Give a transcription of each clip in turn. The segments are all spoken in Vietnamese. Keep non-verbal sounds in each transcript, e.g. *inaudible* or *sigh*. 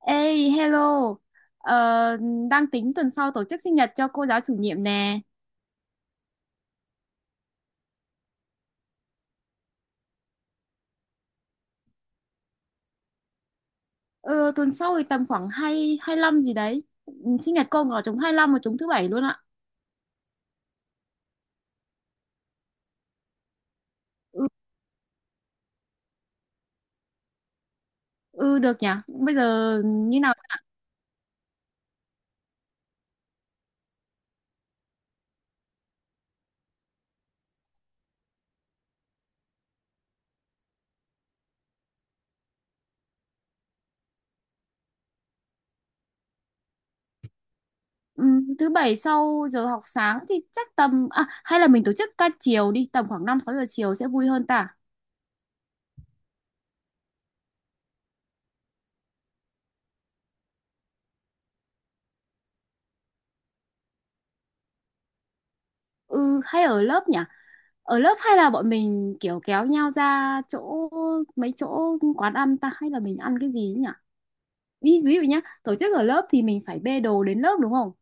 Ê, hello. Ờ, Đang tính tuần sau tổ chức sinh nhật cho cô giáo chủ nhiệm nè. Ờ, tuần sau thì tầm khoảng 2, lăm gì đấy. Ừ, sinh nhật cô ở trúng hai lăm và trúng thứ bảy luôn ạ. Ừ, ừ, Được nhỉ. Bây giờ như nào? Ừ, Thứ bảy sau giờ học sáng thì chắc tầm... À, hay là mình tổ chức ca chiều đi. Tầm khoảng năm sáu giờ chiều sẽ vui hơn ta. Ừ, hay ở lớp nhỉ? Ở lớp hay là bọn mình kiểu kéo nhau ra chỗ mấy chỗ quán ăn ta, hay là mình ăn cái gì nhỉ? Ví dụ nhá, tổ chức ở lớp thì mình phải bê đồ đến lớp đúng không?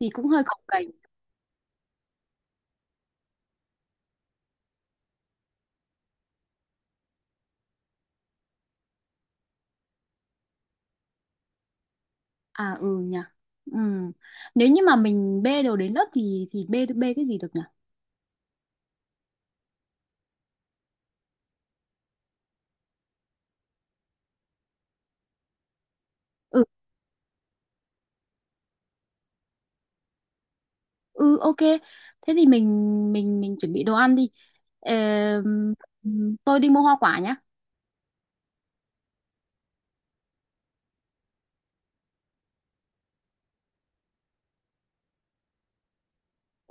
Thì cũng hơi cồng kềnh. À ừ nhỉ. Ừ. Nếu như mà mình bê đồ đến lớp thì bê bê cái gì được nhỉ? Ừ ừ ok. Thế thì mình mình chuẩn bị đồ ăn đi. Ờ, tôi đi mua hoa quả nhá.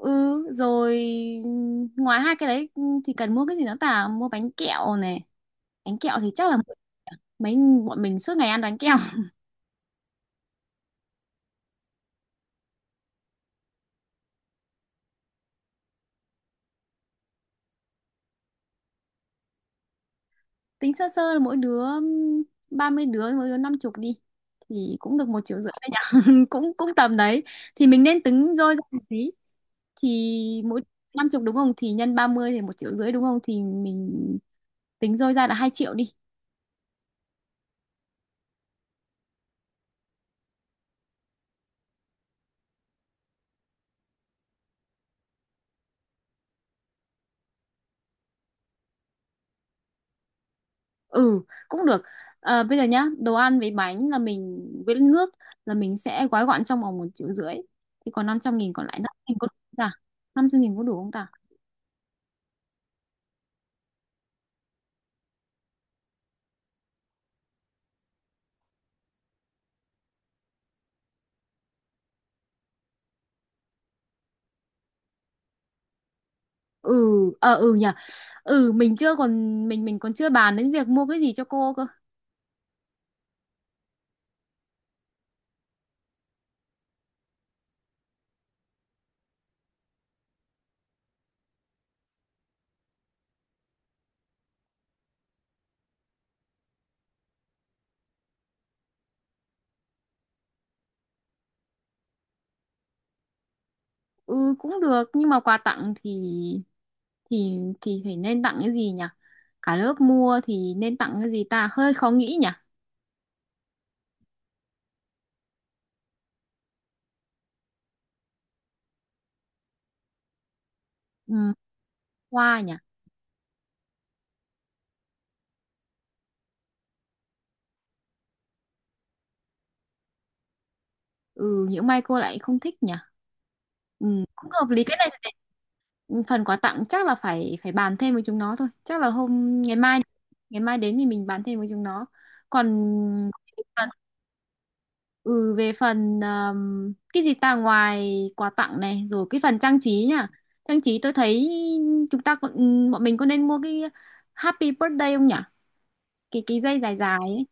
Ừ rồi. Ngoài hai cái đấy thì cần mua cái gì nữa ta? Mua bánh kẹo này. Bánh kẹo thì chắc là mấy bọn mình suốt ngày ăn bánh kẹo. Tính sơ sơ là mỗi đứa 30 đứa mỗi đứa năm chục đi, thì cũng được một triệu rưỡi đấy nhỉ. *laughs* Cũng cũng tầm đấy thì mình nên tính rơi ra một tí, thì mỗi năm chục đúng không, thì nhân 30 thì một triệu rưỡi đúng không, thì mình tính rơi ra là 2 triệu đi. Ừ cũng được. Ờ, bây giờ nhá, đồ ăn với bánh là mình với nước là mình sẽ gói gọn trong vòng một triệu rưỡi, thì còn 500 nghìn còn lại nữa mình có đủ không ta? Năm trăm nghìn có đủ không ta? Ừ. Nhỉ. ừ mình chưa còn mình còn chưa bàn đến việc mua cái gì cho cô cơ. Ừ cũng được, nhưng mà quà tặng thì thì phải nên tặng cái gì nhỉ? Cả lớp mua thì nên tặng cái gì ta, hơi khó nghĩ nhỉ. Ừ, hoa nhỉ. Ừ những may cô lại không thích nhỉ. Ừ, cũng hợp lý. Cái này thì phần quà tặng chắc là phải phải bàn thêm với chúng nó thôi, chắc là hôm ngày mai, ngày mai đến thì mình bàn thêm với chúng nó. Còn còn Ừ, về phần cái gì ta, ngoài quà tặng này rồi cái phần trang trí nhá. Trang trí tôi thấy chúng ta còn ừ, bọn mình có nên mua cái Happy Birthday không nhỉ? Cái dây dài dài ấy.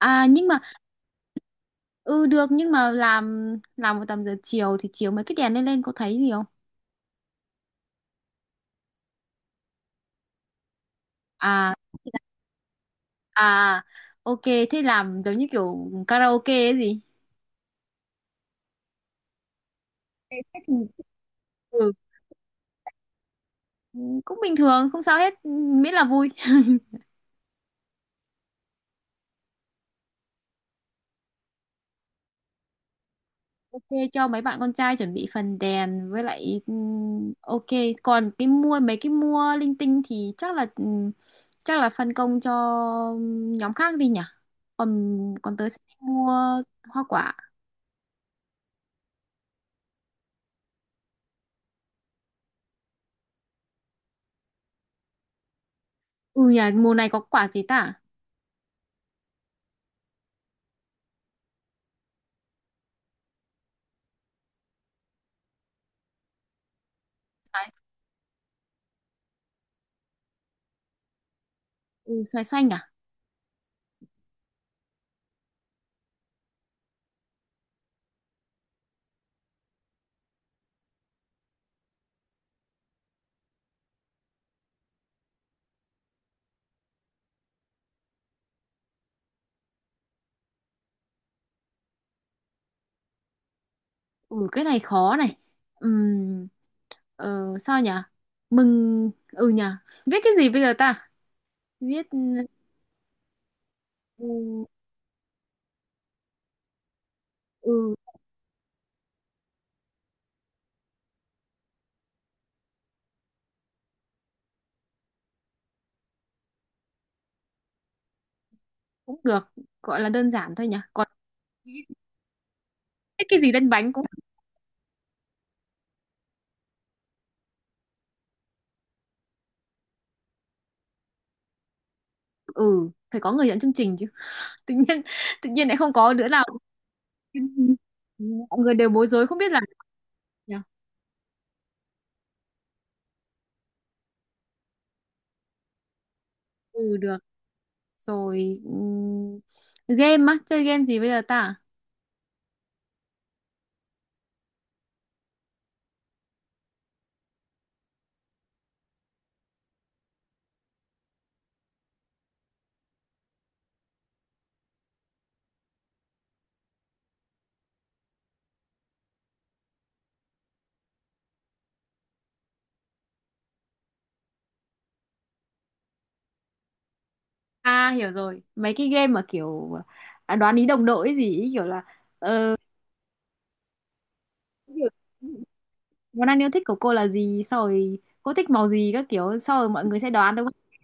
À nhưng mà ừ được, nhưng mà làm một tầm giờ chiều thì chiều mấy cái đèn lên lên có thấy gì không? À à ok, thế làm giống như kiểu karaoke ấy gì? Thế thì ừ, cũng bình thường không sao hết, miễn là vui. *laughs* Ok, cho mấy bạn con trai chuẩn bị phần đèn với lại ok. Còn cái mua mấy cái mua linh tinh thì chắc là phân công cho ừ, nhóm khác đi nhỉ. Còn Còn tớ sẽ đi mua hoa quả. Ừ nhỉ, mùa này có quả gì ta? Xoài, ừ, xoài xanh à. Ừ cái này khó này. Ừm, Sao nhỉ? Ừ nhỉ, viết cái gì bây giờ ta? viết ừ, ừ cũng được, gọi là đơn giản thôi nhỉ. Còn viết cái gì lên bánh cũng. Ừ phải có người dẫn chương trình chứ. *laughs* tự nhiên tự nhiên lại không có đứa nào. *laughs* Ừ, mọi người đều bối rối không biết là. Nhờ. Ừ được rồi. Game á, chơi game gì bây giờ ta? À hiểu rồi, mấy cái game mà kiểu à, đoán ý đồng đội ấy gì ý, kiểu là ờ, ví món ăn yêu thích của cô là gì, sau rồi cô thích màu gì các kiểu, sau rồi mọi người sẽ đoán đúng không?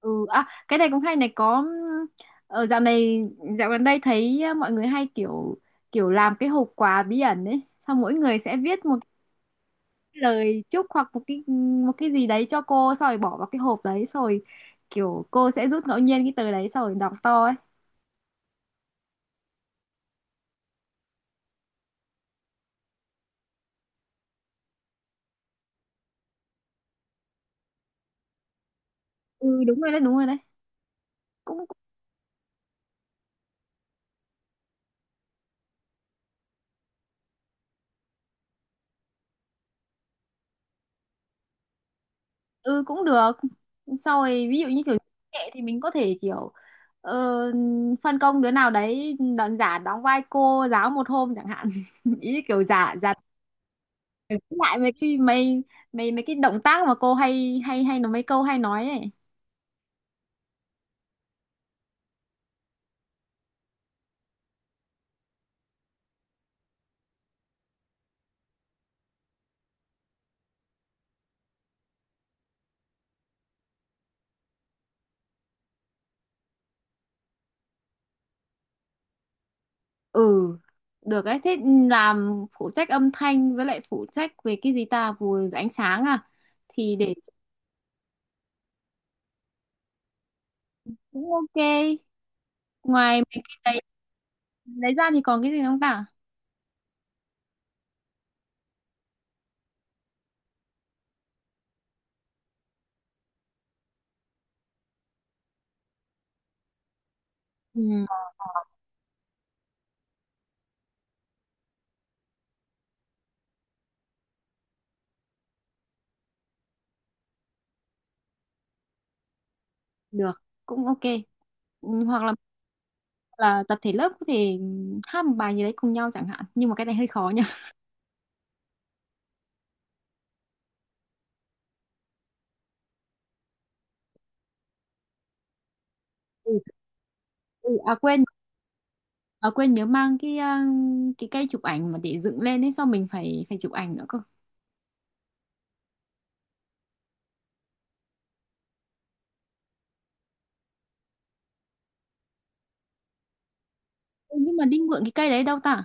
Ừ, à, cái này cũng hay này. Có ở dạo này, dạo gần đây thấy ờ, mọi người hay kiểu kiểu làm cái hộp quà bí ẩn ấy, xong mỗi người sẽ viết một cái lời chúc hoặc một cái gì đấy cho cô, xong rồi bỏ vào cái hộp đấy, xong rồi kiểu cô sẽ rút ngẫu nhiên cái tờ đấy xong rồi đọc to ấy. Đúng rồi đấy. Cũng ừ cũng được. Sau rồi ví dụ như kiểu nghệ thì mình có thể kiểu ờ, phân công đứa nào đấy đóng giả đóng vai cô giáo một hôm chẳng hạn. *laughs* Ý kiểu giả giả để giữ lại mấy mấy cái động tác mà cô hay hay hay nó mấy câu hay nói ấy. Ừ được ấy. Thế làm phụ trách âm thanh với lại phụ trách về cái gì ta, về ánh sáng à? Thì để cũng ok. Ngoài mấy cái đấy lấy ra thì còn cái gì không ta? Ừ được cũng ok. Ừ, hoặc là tập thể lớp có thể hát một bài gì đấy cùng nhau chẳng hạn, nhưng mà cái này hơi khó nha. *laughs* ừ, ừ, À quên, à quên nhớ mang cái à, cái cây chụp ảnh mà để dựng lên ấy, sao mình phải phải chụp ảnh nữa cơ. Ừ, nhưng mà đi mượn cái cây đấy đâu ta?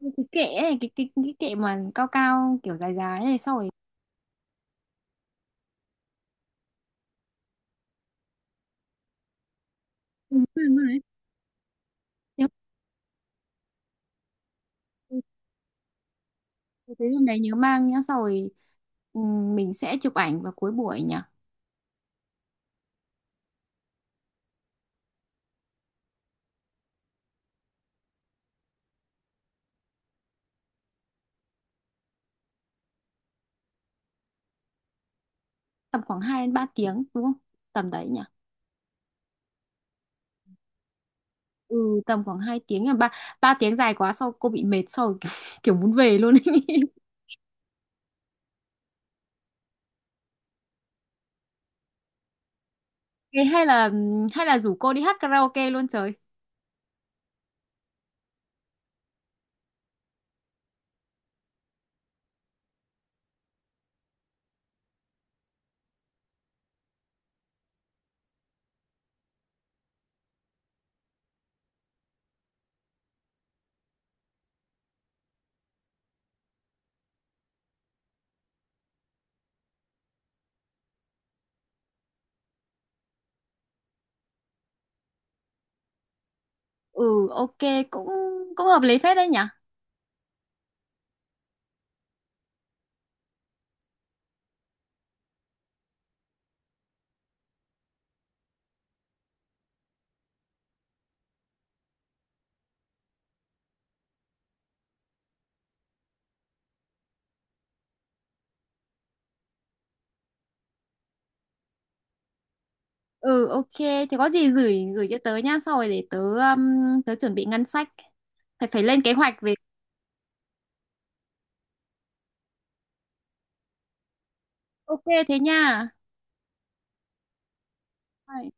Cái kệ ấy, cái kệ mà cao cao kiểu dài dài này sau rồi. Ừ, đúng rồi đấy. Nhớ- ừ, thế hôm đấy nhớ mang nhá, sau rồi ừ, mình sẽ chụp ảnh vào cuối buổi nhỉ. Tầm khoảng 2 đến 3 tiếng đúng không? Tầm đấy nhỉ. Ừ, tầm khoảng 2 tiếng là ba ba tiếng dài quá, sau cô bị mệt sau kiểu, *laughs* kiểu muốn về luôn ấy. *laughs* Thế hay là rủ cô đi hát karaoke luôn trời. Ừ ok, cũng cũng hợp lý phết đấy nhỉ. Ừ ok, thì có gì gửi gửi cho tớ nha, sau rồi để tớ tớ chuẩn bị ngân sách, phải phải lên kế hoạch về. Ok thế nha. Bye.